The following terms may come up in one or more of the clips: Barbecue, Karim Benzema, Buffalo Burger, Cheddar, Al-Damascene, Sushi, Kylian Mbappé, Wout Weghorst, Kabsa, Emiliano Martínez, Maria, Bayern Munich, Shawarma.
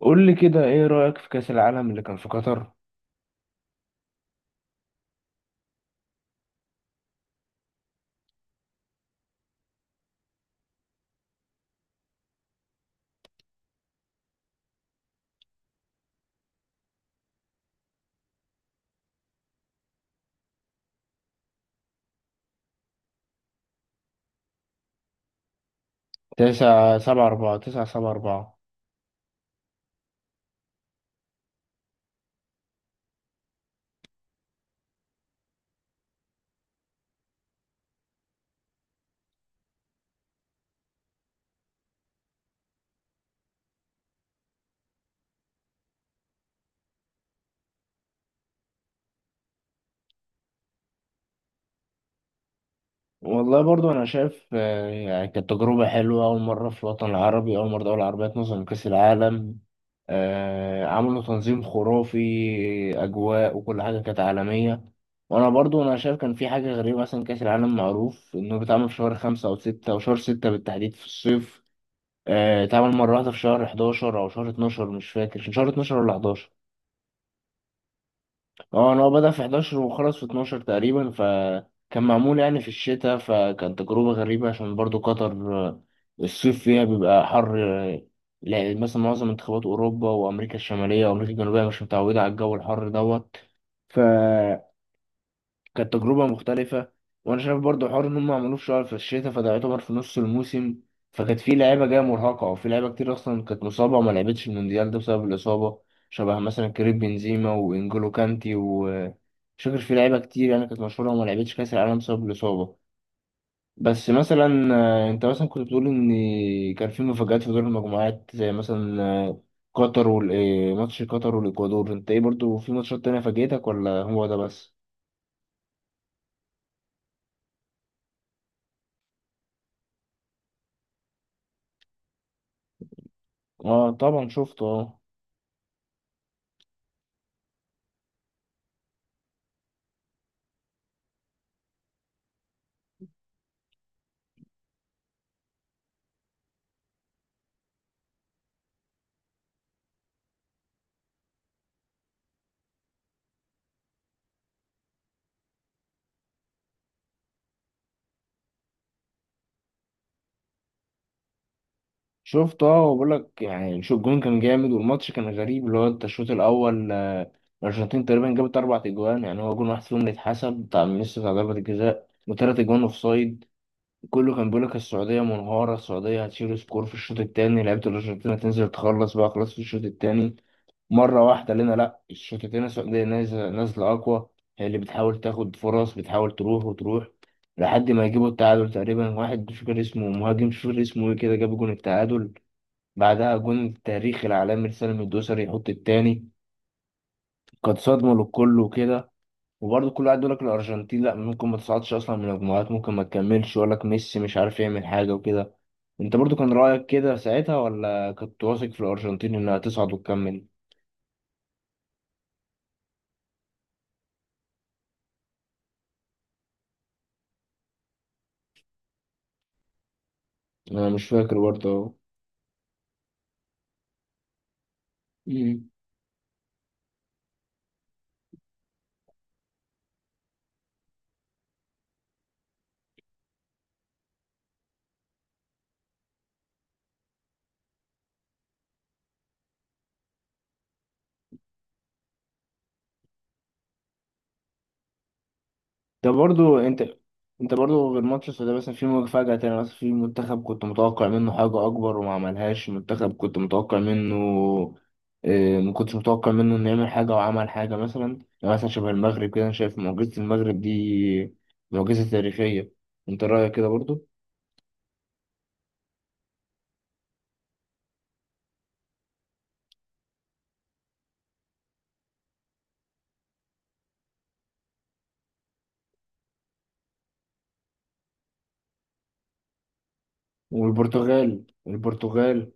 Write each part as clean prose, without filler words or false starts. قول لي كده ايه رأيك في كأس العالم اللي كان في قطر؟ 9 7 4، 9 7 4. والله برضو انا شايف، يعني كانت تجربة حلوة. اول مرة في الوطن العربي، اول مرة دولة عربية تنظم كأس العالم. عملوا تنظيم خرافي. اجواء وكل حاجة كانت عالمية. وانا برضو انا شايف كان في حاجة غريبة، مثلا كأس العالم معروف انه بيتعمل في شهر خمسة او ستة، او شهر ستة بالتحديد في الصيف. اتعمل مرة واحدة في شهر 11 او شهر 12، مش فاكر كان شهر 12 ولا 11. اه، انا هو بدأ في 11 وخلص في 12 تقريبا، فكان معمول يعني في الشتاء، فكان تجربة غريبة عشان برضو قطر آه، الصيف فيها بيبقى حر. آه، لا مثلا معظم منتخبات أوروبا وأمريكا الشمالية وأمريكا الجنوبية مش متعودة على الجو الحر دوت. كانت تجربة مختلفة. وأنا شايف برضو حوار إن هم عملوه في شهر، في الشتاء، فده يعتبر في نص الموسم. فكانت في لعيبة جاية مرهقة، وفي لعيبة كتير أصلا كانت مصابة وما لعبتش المونديال ده بسبب الإصابة، شبه مثلا كريم بنزيما وإنجولو كانتي و مش فاكر، في لعيبة كتير يعني كانت مشهورة وما لعبتش كأس العالم بسبب الإصابة. بس مثلا أنت مثلا كنت بتقول إن كان في مفاجآت في دور المجموعات، زي مثلا آه، قطر وال آه، ماتش قطر والإكوادور. أنت إيه برضو، في ماتشات تانية فاجأتك ولا هو ده بس؟ اه طبعا شفته، اه. شفت، اه، وبقول لك يعني شو الجون كان جامد، والماتش كان غريب. اللي هو انت الشوط الاول الارجنتين تقريبا جابت اربع اجوان، يعني هو جون واحد فيهم اللي اتحسب بتاع ميسي، بتاع ضربة الجزاء، وثلاث اجوان اوف سايد. كله كان بيقول لك السعودية منهارة، السعودية هتشيل سكور في الشوط التاني، لعيبة الارجنتين هتنزل تخلص بقى، خلاص في الشوط التاني. مرة واحدة لنا، لا، الشوط التاني السعودية نازلة نازلة اقوى، هي اللي بتحاول تاخد فرص، بتحاول تروح وتروح، لحد ما يجيبوا التعادل. تقريبا واحد مش فاكر اسمه، مهاجم مش فاكر اسمه ايه كده، جاب جون التعادل، بعدها جون التاريخ العالمي لسالم الدوسري يحط التاني. كانت صدمة للكل وكده. وبرضه كل واحد يقول لك الأرجنتين لأ، ممكن ما تصعدش أصلا من المجموعات، ممكن ما تكملش، يقول لك ميسي مش عارف يعمل حاجة وكده. أنت برضه كان رأيك كده ساعتها ولا كنت واثق في الأرجنتين إنها تصعد وتكمل؟ أنا مش فاكر برضه. ده برضو انت برضو، غير ماتش السودان، مثلا في مفاجأة تانية، مثلا في منتخب كنت متوقع منه حاجة أكبر وما عملهاش، منتخب كنت متوقع منه اه، ما كنتش متوقع منه إنه يعمل حاجة وعمل حاجة مثلا. يعني مثلا شبه المغرب كده، أنا شايف معجزة المغرب دي معجزة تاريخية. أنت رأيك كده برضو؟ والبرتغال، البرتغال،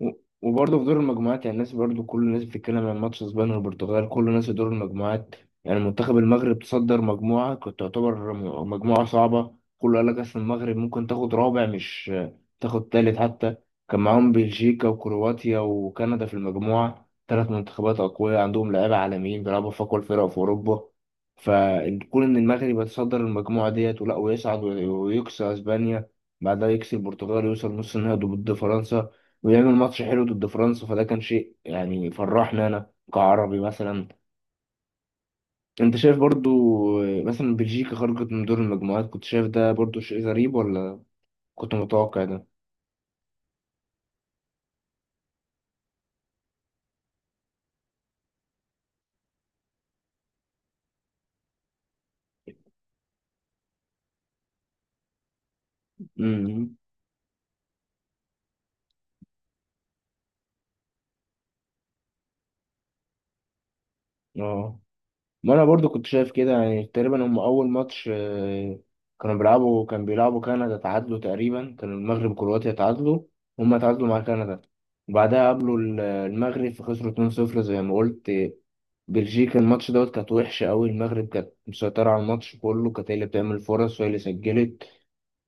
و- وبرضه في دور المجموعات، يعني الناس برضه كل الناس بتتكلم عن ماتش اسبانيا والبرتغال، كل الناس. في دور المجموعات يعني منتخب المغرب تصدر مجموعة كانت تعتبر مجموعة صعبة. كله قال لك اصل المغرب ممكن تاخد رابع، مش تاخد تالت حتى. كان معاهم بلجيكا وكرواتيا وكندا في المجموعة، ثلاث منتخبات أقوياء عندهم لعيبة عالميين بيلعبوا في أقوى الفرق في أوروبا. فكون إن المغرب يتصدر المجموعة ديت ولا، ويصعد ويكسر أسبانيا، بعدها يكسب البرتغال ويوصل نص النهائي ضد فرنسا، ويعمل ماتش حلو ضد فرنسا، فده كان شيء يعني فرحنا انا كعربي مثلا. انت شايف برضو مثلا بلجيكا خرجت من دور المجموعات، كنت شايف ده برضو شيء غريب، ولا كنت متوقع ده؟ امم، اه. ما انا برضو كنت شايف كده يعني، تقريبا هم اول ماتش آه، كانوا بيلعبوا كان بيلعبوا كندا، تعادلوا، تقريبا كان المغرب وكرواتيا تعادلوا، هم تعادلوا مع كندا، وبعدها قابلوا المغرب فخسروا 2-0 زي ما قلت. بلجيكا الماتش دوت كانت وحشة أوي، المغرب كانت مسيطرة على الماتش كله، كانت هي اللي بتعمل فرص وهي اللي سجلت.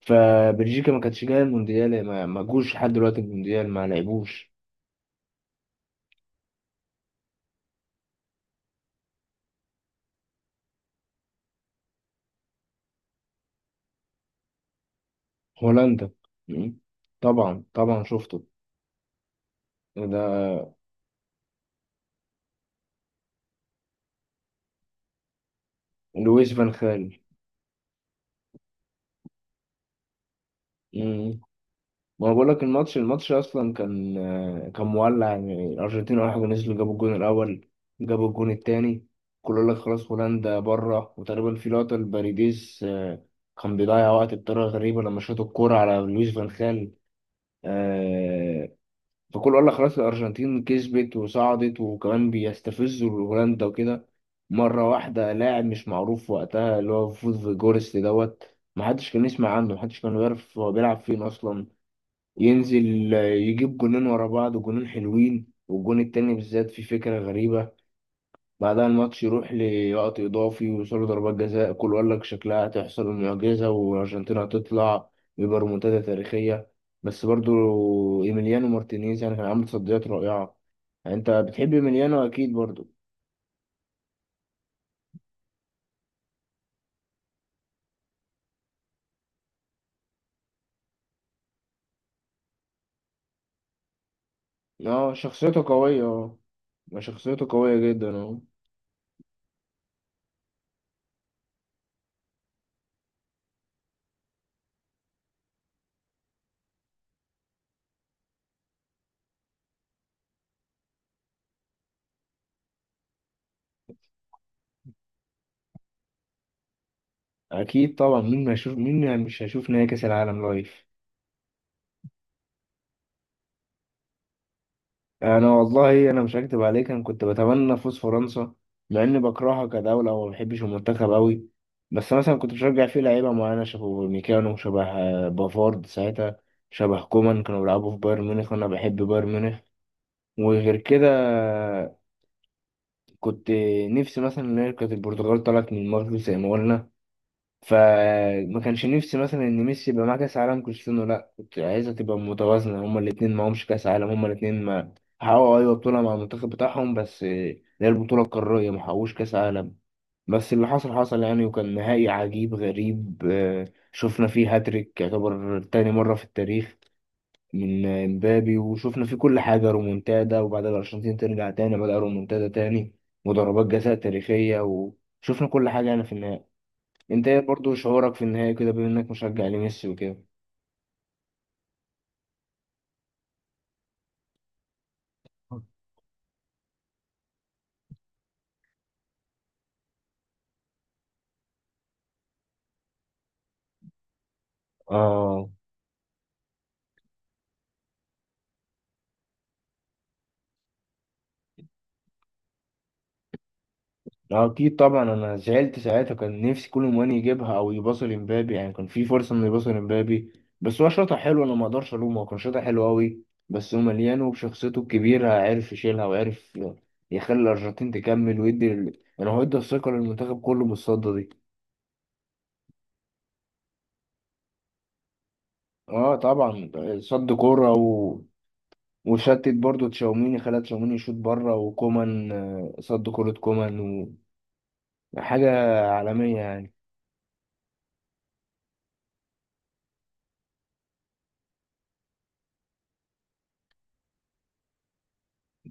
فبلجيكا ما كانتش جاية المونديال، ما جوش لحد دلوقتي المونديال ما لعبوش. هولندا، مم. طبعا طبعا شفته. ده لويس فان خال. ما بقول لك الماتش، الماتش اصلا كان كان مولع يعني، الارجنتين اول حاجه نزلوا جابوا الجون الاول، جابوا الجون التاني. كله يقول لك خلاص هولندا بره، وتقريبا في لقطه الباريديس كان بيضيع وقت بطريقه غريبه لما شاط الكوره على لويس فان خال آه، فكله قال لك خلاص الارجنتين كسبت وصعدت، وكمان بيستفزوا هولندا وكده. مره واحده لاعب مش معروف وقتها، اللي هو فوز فيجورست دوت، محدش كان يسمع عنه، محدش كان يعرف هو بيلعب فين اصلا، ينزل يجيب جونين ورا بعض وجونين حلوين، والجون التاني بالذات فيه فكرة غريبة. بعدها الماتش يروح لوقت إضافي ويوصلوا ضربات جزاء، كل يقول لك شكلها هتحصل المعجزة والأرجنتين هتطلع ويبقى ريمونتادا تاريخية. بس برضو إيميليانو مارتينيز يعني كان عامل تصديات رائعة، يعني أنت بتحب إيميليانو أكيد برضو. أه، شخصيته قوية، أه. ما شخصيته قوية جدا، أه. أكيد طبعا، مين ما يشوف، مين مش هيشوف نهائي كأس العالم لايف؟ انا والله انا مش هكدب عليك، انا كنت بتمنى فوز فرنسا، مع اني بكرهها كدوله وما بحبش المنتخب قوي. بس مثلا كنت بشجع فيه لعيبه معينه، شبه ميكانو، شبه بافارد ساعتها، شبه كومان. كانوا بيلعبوا في بايرن ميونخ وانا بحب بايرن ميونخ، وغير كده كنت نفسي مثلا ان هي كانت البرتغال طلعت من المغرب زي ما قلنا، فما كانش نفسي مثلا ان ميسي يبقى معاه كاس عالم، كريستيانو لا. كنت عايزها تبقى متوازنه، هما الاثنين معهمش كاس عالم، هما الاثنين ما حققوا، ايوه بطوله مع المنتخب بتاعهم، بس اللي هي البطوله القاريه، ما حققوش كاس عالم. بس اللي حصل حصل يعني، وكان نهائي عجيب غريب شفنا فيه هاتريك يعتبر تاني مره في التاريخ، من مبابي، وشفنا فيه كل حاجه، رومونتادا، وبعد الارجنتين ترجع تاني بدأ رومونتادا تاني، وضربات جزاء تاريخيه، وشفنا كل حاجه يعني في النهائي. انت ايه برضو شعورك في النهاية كده، بما انك مشجع لميسي وكده؟ اه، اكيد طبعا انا زعلت ساعتها، كان نفسي كل مواني يجيبها او يباصي لمبابي، يعني كان في فرصة انه يباصي لمبابي، بس هو شاطر حلو، انا ما اقدرش الومه، هو كان شاطر حلو قوي. بس هو مليان وبشخصيته الكبيرة عرف يشيلها، وعرف يخلي الارجنتين تكمل، ويدي ال... يعني هو ادى الثقة للمنتخب كله بالصدة دي. اه طبعا، صد كورة و... وشتت برضو تشاوميني، خلى تشاوميني يشوط بره، وكومان صد كورة كومان. حاجة عالمية يعني.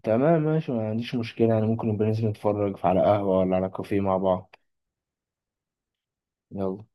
تمام ماشي، ما عنديش مشكلة، يعني ممكن نبقى ننزل نتفرج على قهوة ولا على كافيه مع بعض. يلا.